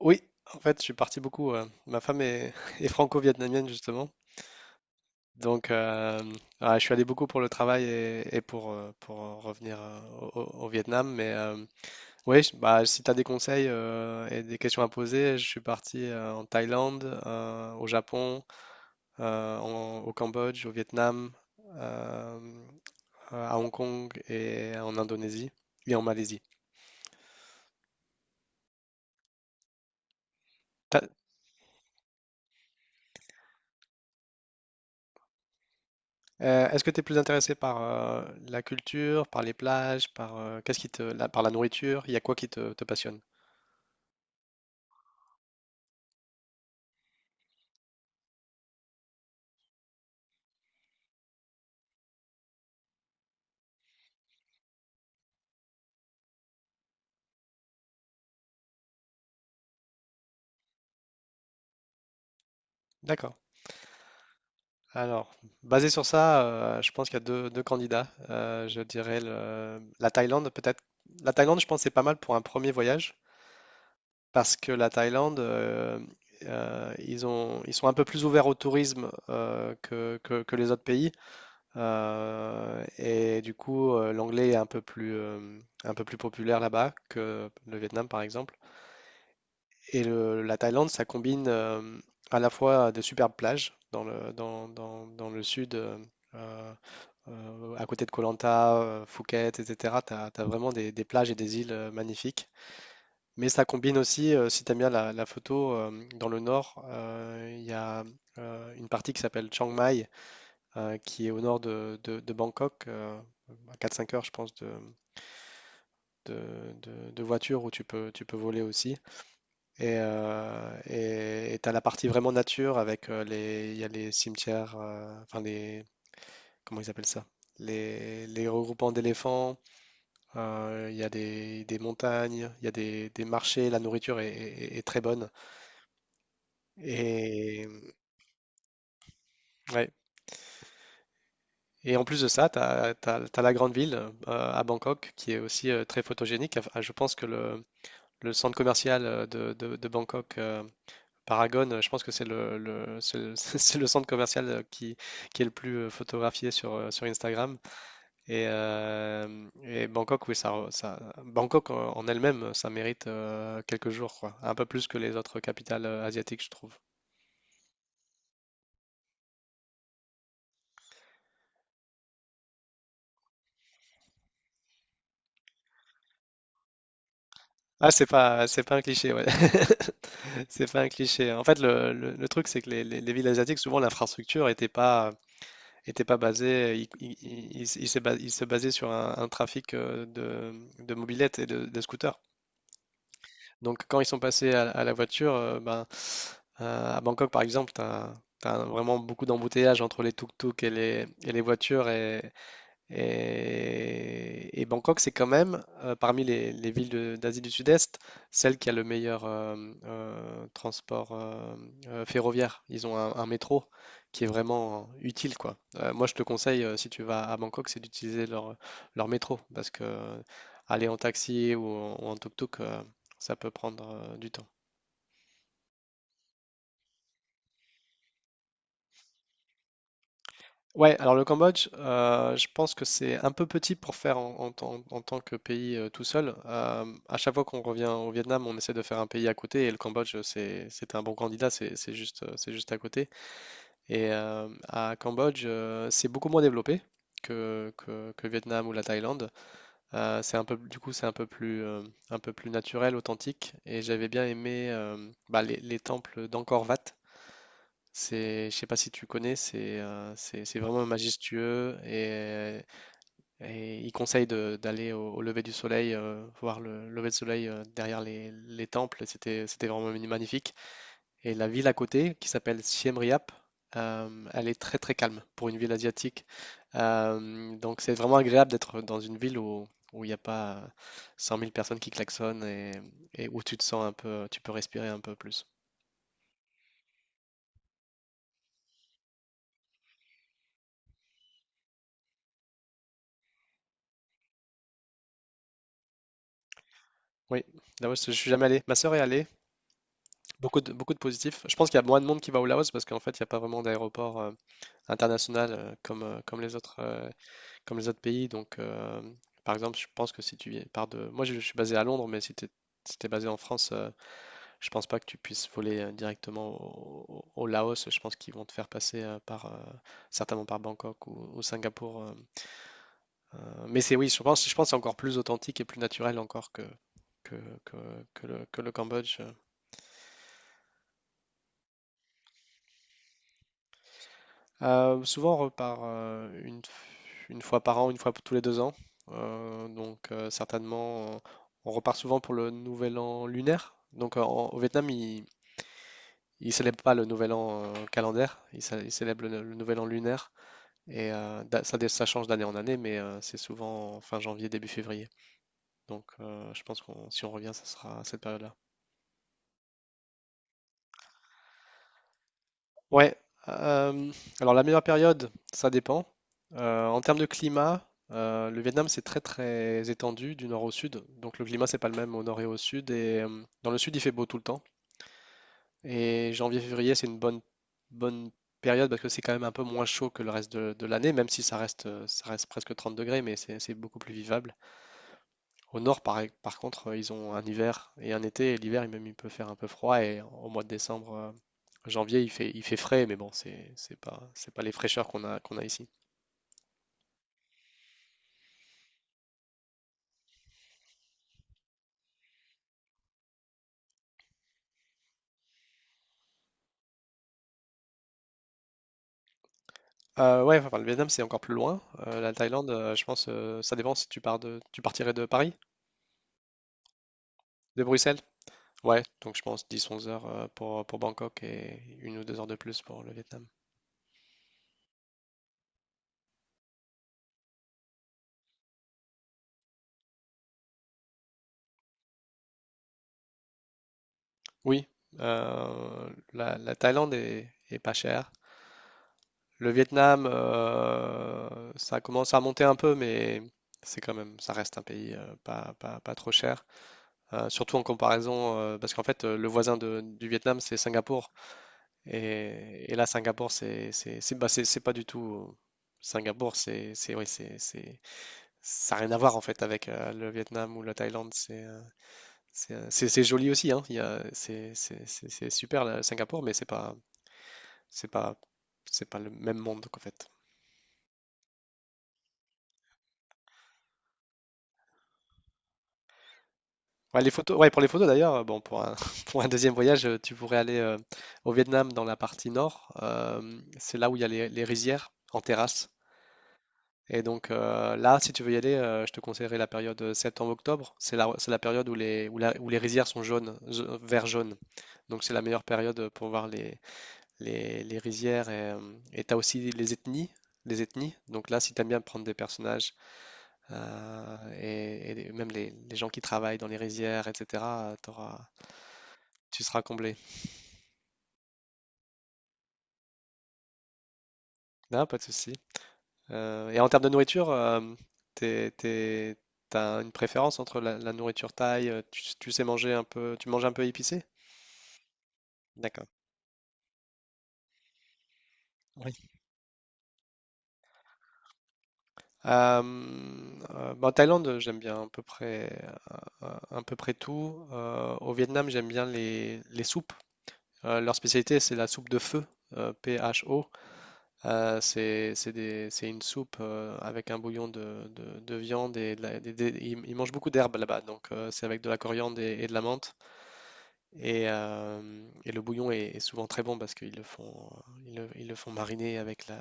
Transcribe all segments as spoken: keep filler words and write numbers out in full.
Oui, en fait, je suis parti beaucoup. Euh, ma femme est, est franco-vietnamienne, justement. Donc, euh, ah, je suis allé beaucoup pour le travail et, et pour, euh, pour revenir euh, au, au- au Vietnam. Mais oui, bah, si tu as des conseils euh, et des questions à poser, je suis parti euh, en Thaïlande, euh, au Japon, euh, en- au Cambodge, au Vietnam, euh, à Hong Kong et en Indonésie et en Malaisie. Euh, est-ce que tu es plus intéressé par euh, la culture, par les plages, par euh, qu'est-ce qui te, la- par la nourriture? Il y a quoi qui te, te passionne? D'accord. Alors, basé sur ça, euh, je pense qu'il y a deux, deux candidats. Euh, je dirais le- la Thaïlande, peut-être. La Thaïlande, je pense, c'est pas mal pour un premier voyage, parce que la Thaïlande, euh, euh, ils ont, ils sont un peu plus ouverts au tourisme euh, que, que- que les autres pays. Euh, et du coup, euh, l'anglais est un peu plus, euh, un peu plus populaire là-bas que le Vietnam, par exemple. Et le- la Thaïlande, ça combine euh, à la fois de superbes plages dans le, dans, dans- dans le sud, euh, euh, euh, à côté de Koh Lanta, euh, Phuket, et cetera. Tu as vraiment des, des plages et des îles euh, magnifiques. Mais ça combine aussi, euh, si tu aimes bien la, la photo, euh, dans le nord, euh, il y a euh, une partie qui s'appelle Chiang Mai, euh, qui est au nord de, de- de Bangkok, euh, à quatre cinq heures, je pense, de, de, de- de voiture, où tu peux, tu peux voler aussi. Et euh, tu as la partie vraiment nature avec euh, les, il y a les cimetières, euh, enfin les, comment ils appellent ça? Les, les regroupements d'éléphants, euh, il y a des, des montagnes, il y a des, des marchés, la nourriture est, est- est très bonne. Et, ouais. Et en plus de ça, tu as la grande ville euh, à Bangkok, qui est aussi euh, très photogénique. Enfin, je pense que le, le centre commercial euh, de, de- de Bangkok, euh, Paragon, euh, je pense que c'est le, le- c'est le- c'est le centre commercial euh, qui, qui est le plus euh, photographié sur, euh, sur Instagram. Et, euh, et Bangkok, oui, ça, re- ça- Bangkok en en elle-même, euh, ça mérite euh, quelques jours, quoi. Un peu plus que les autres capitales euh, asiatiques, je trouve. Ah, c'est pas, c'est pas un cliché, ouais. C'est pas un cliché. En fait, le, le- le truc, c'est que les, les- les villes asiatiques, souvent, l'infrastructure n'était pas, était pas basé, il, il- il- il s'est ba- il se basait sur un, un trafic euh, de, de mobylettes et de, de scooters. Donc quand ils sont passés à, à la voiture, euh, ben, euh, à Bangkok par exemple, tu as vraiment beaucoup d'embouteillages entre les tuk-tuk et les, et les voitures et, et, et Bangkok, c'est quand même, euh, parmi les, les villes de- d'Asie du Sud-Est, celle qui a le meilleur euh, euh, transport euh, euh, ferroviaire. Ils ont un, un métro qui est vraiment utile, quoi. Euh, moi, je te conseille, euh, si tu vas à Bangkok, c'est d'utiliser leur, leur métro, parce que euh, aller en taxi ou en, ou en tuk-tuk, euh, ça peut prendre euh, du temps. Ouais, alors le Cambodge, euh, je pense que c'est un peu petit pour faire en, en tant en tant que pays euh, tout seul. Euh, à chaque fois qu'on revient au Vietnam, on essaie de faire un pays à côté, et le Cambodge, c'est c'est un bon candidat, c'est c'est juste, euh, c'est juste à côté. Et euh, à Cambodge, euh, c'est beaucoup moins développé que, que, que Vietnam ou la Thaïlande. Euh, c'est un peu, du coup, c'est un peu plus, euh, un peu plus naturel, authentique. Et j'avais bien aimé euh, bah, les, les temples d'Angkor Wat. C'est, je sais pas si tu connais, c'est euh, c'est c'est vraiment majestueux, et, et il conseille de- d'aller au, au lever du soleil, euh, voir le lever du soleil euh, derrière les, les temples. C'était c'était vraiment magnifique. Et la ville à côté, qui s'appelle Siem Reap, euh, elle est très très calme pour une ville asiatique. Euh, donc c'est vraiment agréable d'être dans une ville où où il n'y a pas cent mille personnes qui klaxonnent, et, et où tu te sens un peu, tu peux respirer un peu plus. Oui, là je, je suis jamais allé. Ma sœur est allée. Beaucoup de, beaucoup de positifs. Je pense qu'il y a moins de monde qui va au Laos, parce qu'en fait, il n'y a pas vraiment d'aéroport euh, international, euh, comme, euh, comme les autres, euh, comme les autres pays. Donc, euh, par exemple, je pense que si tu viens- pars de... Moi, je, je suis basé à Londres, mais si tu es basé en France, euh, je pense pas que tu puisses voler euh, directement au, au- au Laos. Je pense qu'ils vont te faire passer euh, par, euh, certainement par Bangkok ou, ou Singapour. Euh, euh, mais c'est, oui, je pense, je pense que c'est encore plus authentique et plus naturel encore que, que, que, que le, que le Cambodge. euh. Euh, souvent, on repart euh, une, f- une fois par an, une fois tous les deux ans. Euh, donc, euh, certainement, euh, on repart souvent pour le nouvel an lunaire. Donc, euh, en- au Vietnam, ils ne célèbrent pas le nouvel an euh, calendaire, ils, cé- ils célèbrent le, le nouvel an lunaire. Et euh, da- ça, dé- ça change d'année en année, mais euh, c'est souvent fin janvier, début février. Donc, euh, je pense que si on revient, ça sera à cette période-là. Ouais, euh, alors la meilleure période, ça dépend. Euh, en termes de climat, euh, le Vietnam c'est très très étendu du nord au sud, donc le climat c'est pas le même au nord et au sud. Et euh, dans le sud il fait beau tout le temps. Et janvier-février c'est une bonne bonne période, parce que c'est quand même un peu moins chaud que le reste de, de l'année, même si ça reste euh, ça reste presque trente degrés, mais c'est c'est beaucoup plus vivable. Au nord, par, par contre, euh, ils ont un hiver et un été. Et l'hiver, il- même, il peut faire un peu froid. Et au mois de décembre, euh, janvier, il fait, il fait frais, mais bon, c'est, c'est pas, c'est pas les fraîcheurs qu'on a, qu'on a ici. Euh, ouais, enfin, le Vietnam, c'est encore plus loin. Euh, la Thaïlande, euh, je pense, euh, ça dépend si tu pars de, tu partirais de Paris, de Bruxelles. Ouais, donc je pense dix à onze heures euh, pour, pour Bangkok, et une ou deux heures de plus pour le Vietnam. Oui, euh, la, la Thaïlande est, est pas chère. Le Vietnam, euh, ça commence à monter un peu, mais c'est quand même, ça reste un pays euh, pas, pas- pas trop cher. Euh, surtout en comparaison, euh, parce qu'en fait, euh, le voisin de- du Vietnam, c'est Singapour. Et, et là, Singapour, c'est, c'est, c'est- bah, c'est- c'est pas du tout. Singapour, c'est, c'est, oui, c'est, c'est- ça n'a rien à voir en fait avec euh, le Vietnam ou la Thaïlande. C'est, euh, c'est, euh, c'est- c'est joli aussi, hein. Il y a- c'est, c'est- c'est- C'est super, là, Singapour, mais c'est pas, c'est pas, c'est pas le même monde qu'en fait. Ouais, les photos, ouais, pour les photos d'ailleurs, euh, bon, pour un, pour un deuxième voyage, euh, tu pourrais aller euh, au Vietnam dans la partie nord. Euh, c'est là où il y a les, les rizières en terrasse. Et donc euh, là, si tu veux y aller, euh, je te conseillerais la période euh, septembre-octobre. C'est la, c'est la période où les, où la- où les rizières sont jaunes, ze- vert jaune. Donc c'est la meilleure période pour voir les, les, les rizières. Et, euh, et t'as aussi les ethnies. Les ethnies. Donc là, si t'aimes bien prendre des personnages euh, et, et même les, les gens qui travaillent dans les rizières, et cetera, t'auras, tu seras comblé. Non, pas de souci. Euh, et en termes de nourriture, euh, t'es, t'es- t'as une préférence entre la, la nourriture thaï, euh, tu, tu sais manger un peu, tu manges un peu épicé? D'accord. Oui. Euh, euh, Bah, en Thaïlande, j'aime bien à peu près, euh, à peu près tout. Euh, au Vietnam, j'aime bien les, les soupes. Euh, leur spécialité, c'est la soupe de feu, euh, P H O. Euh, c'est c'est des- c'est une soupe euh, avec un bouillon de, de- de viande et de la- des- des- ils, ils mangent beaucoup d'herbes là-bas, donc euh, c'est avec de la coriandre et, et de la menthe. Et, euh, et le bouillon est, est souvent très bon, parce qu'ils le font, euh, ils le, ils le font mariner avec la,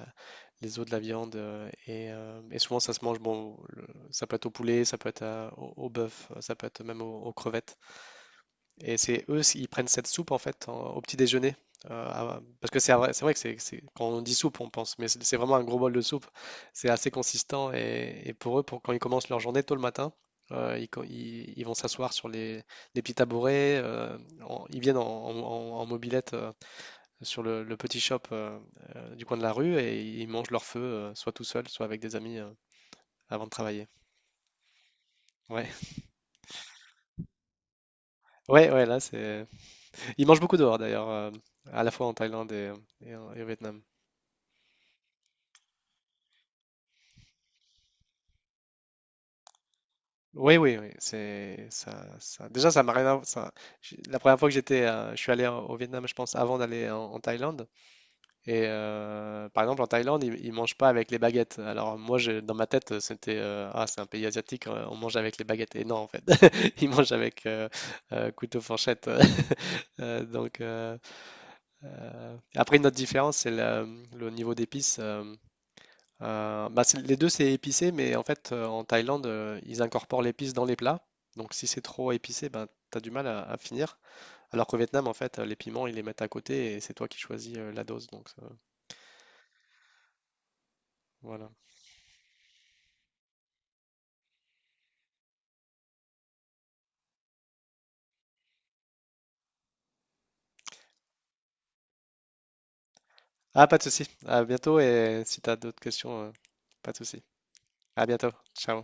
les os de la viande euh, et, euh, et souvent ça se mange bon, le- ça peut être au poulet, ça peut être à- au, au bœuf, euh, ça peut être même aux, aux crevettes. Et c'est eux, ils prennent cette soupe en fait en- au petit déjeuner. Euh, à- parce que c'est vrai, c'est vrai que c'est, c'est- quand on dit soupe, on pense, mais c'est c'est vraiment un gros bol de soupe. C'est assez consistant, et, et pour eux, pour, quand ils commencent leur journée tôt le matin, euh, ils, co- ils- ils vont s'asseoir sur les, les petits tabourets. Euh, en- ils viennent en, en, en en mobilette euh, sur le, le petit shop euh, euh, du coin de la rue, et ils mangent leur feu, euh, soit tout seul, soit avec des amis euh, avant de travailler. Ouais, ouais, ouais, là c'est. Ils mangent beaucoup dehors d'ailleurs, euh, à la fois en Thaïlande et et en- et au Vietnam. Oui, oui, oui, c'est ça, ça. Déjà, ça m'a rien. À- Ça, j'ai- la première fois que j'étais, euh, je suis allé au Vietnam, je pense, avant d'aller en, en Thaïlande. Et euh, par exemple, en Thaïlande, ils, ils mangent pas avec les baguettes. Alors moi, j'ai- dans ma tête, c'était euh, ah, c'est un pays asiatique, euh, on mange avec les baguettes. Et non, en fait, ils mangent avec euh, euh, couteau, fourchette. Euh, donc euh, euh, après, une autre différence, c'est le, le niveau d'épices. Euh, euh, bah, c'est- les deux, c'est épicé, mais en fait, euh, en Thaïlande, euh, ils incorporent l'épice dans les plats. Donc, si c'est trop épicé, ben, tu as du mal à, à finir. Alors qu'au Vietnam, en fait, euh, les piments, ils les mettent à côté, et c'est toi qui choisis euh, la dose. Donc, euh, voilà. Ah, pas de souci. À bientôt, et si tu as d'autres questions, euh, pas de souci. À bientôt. Ciao.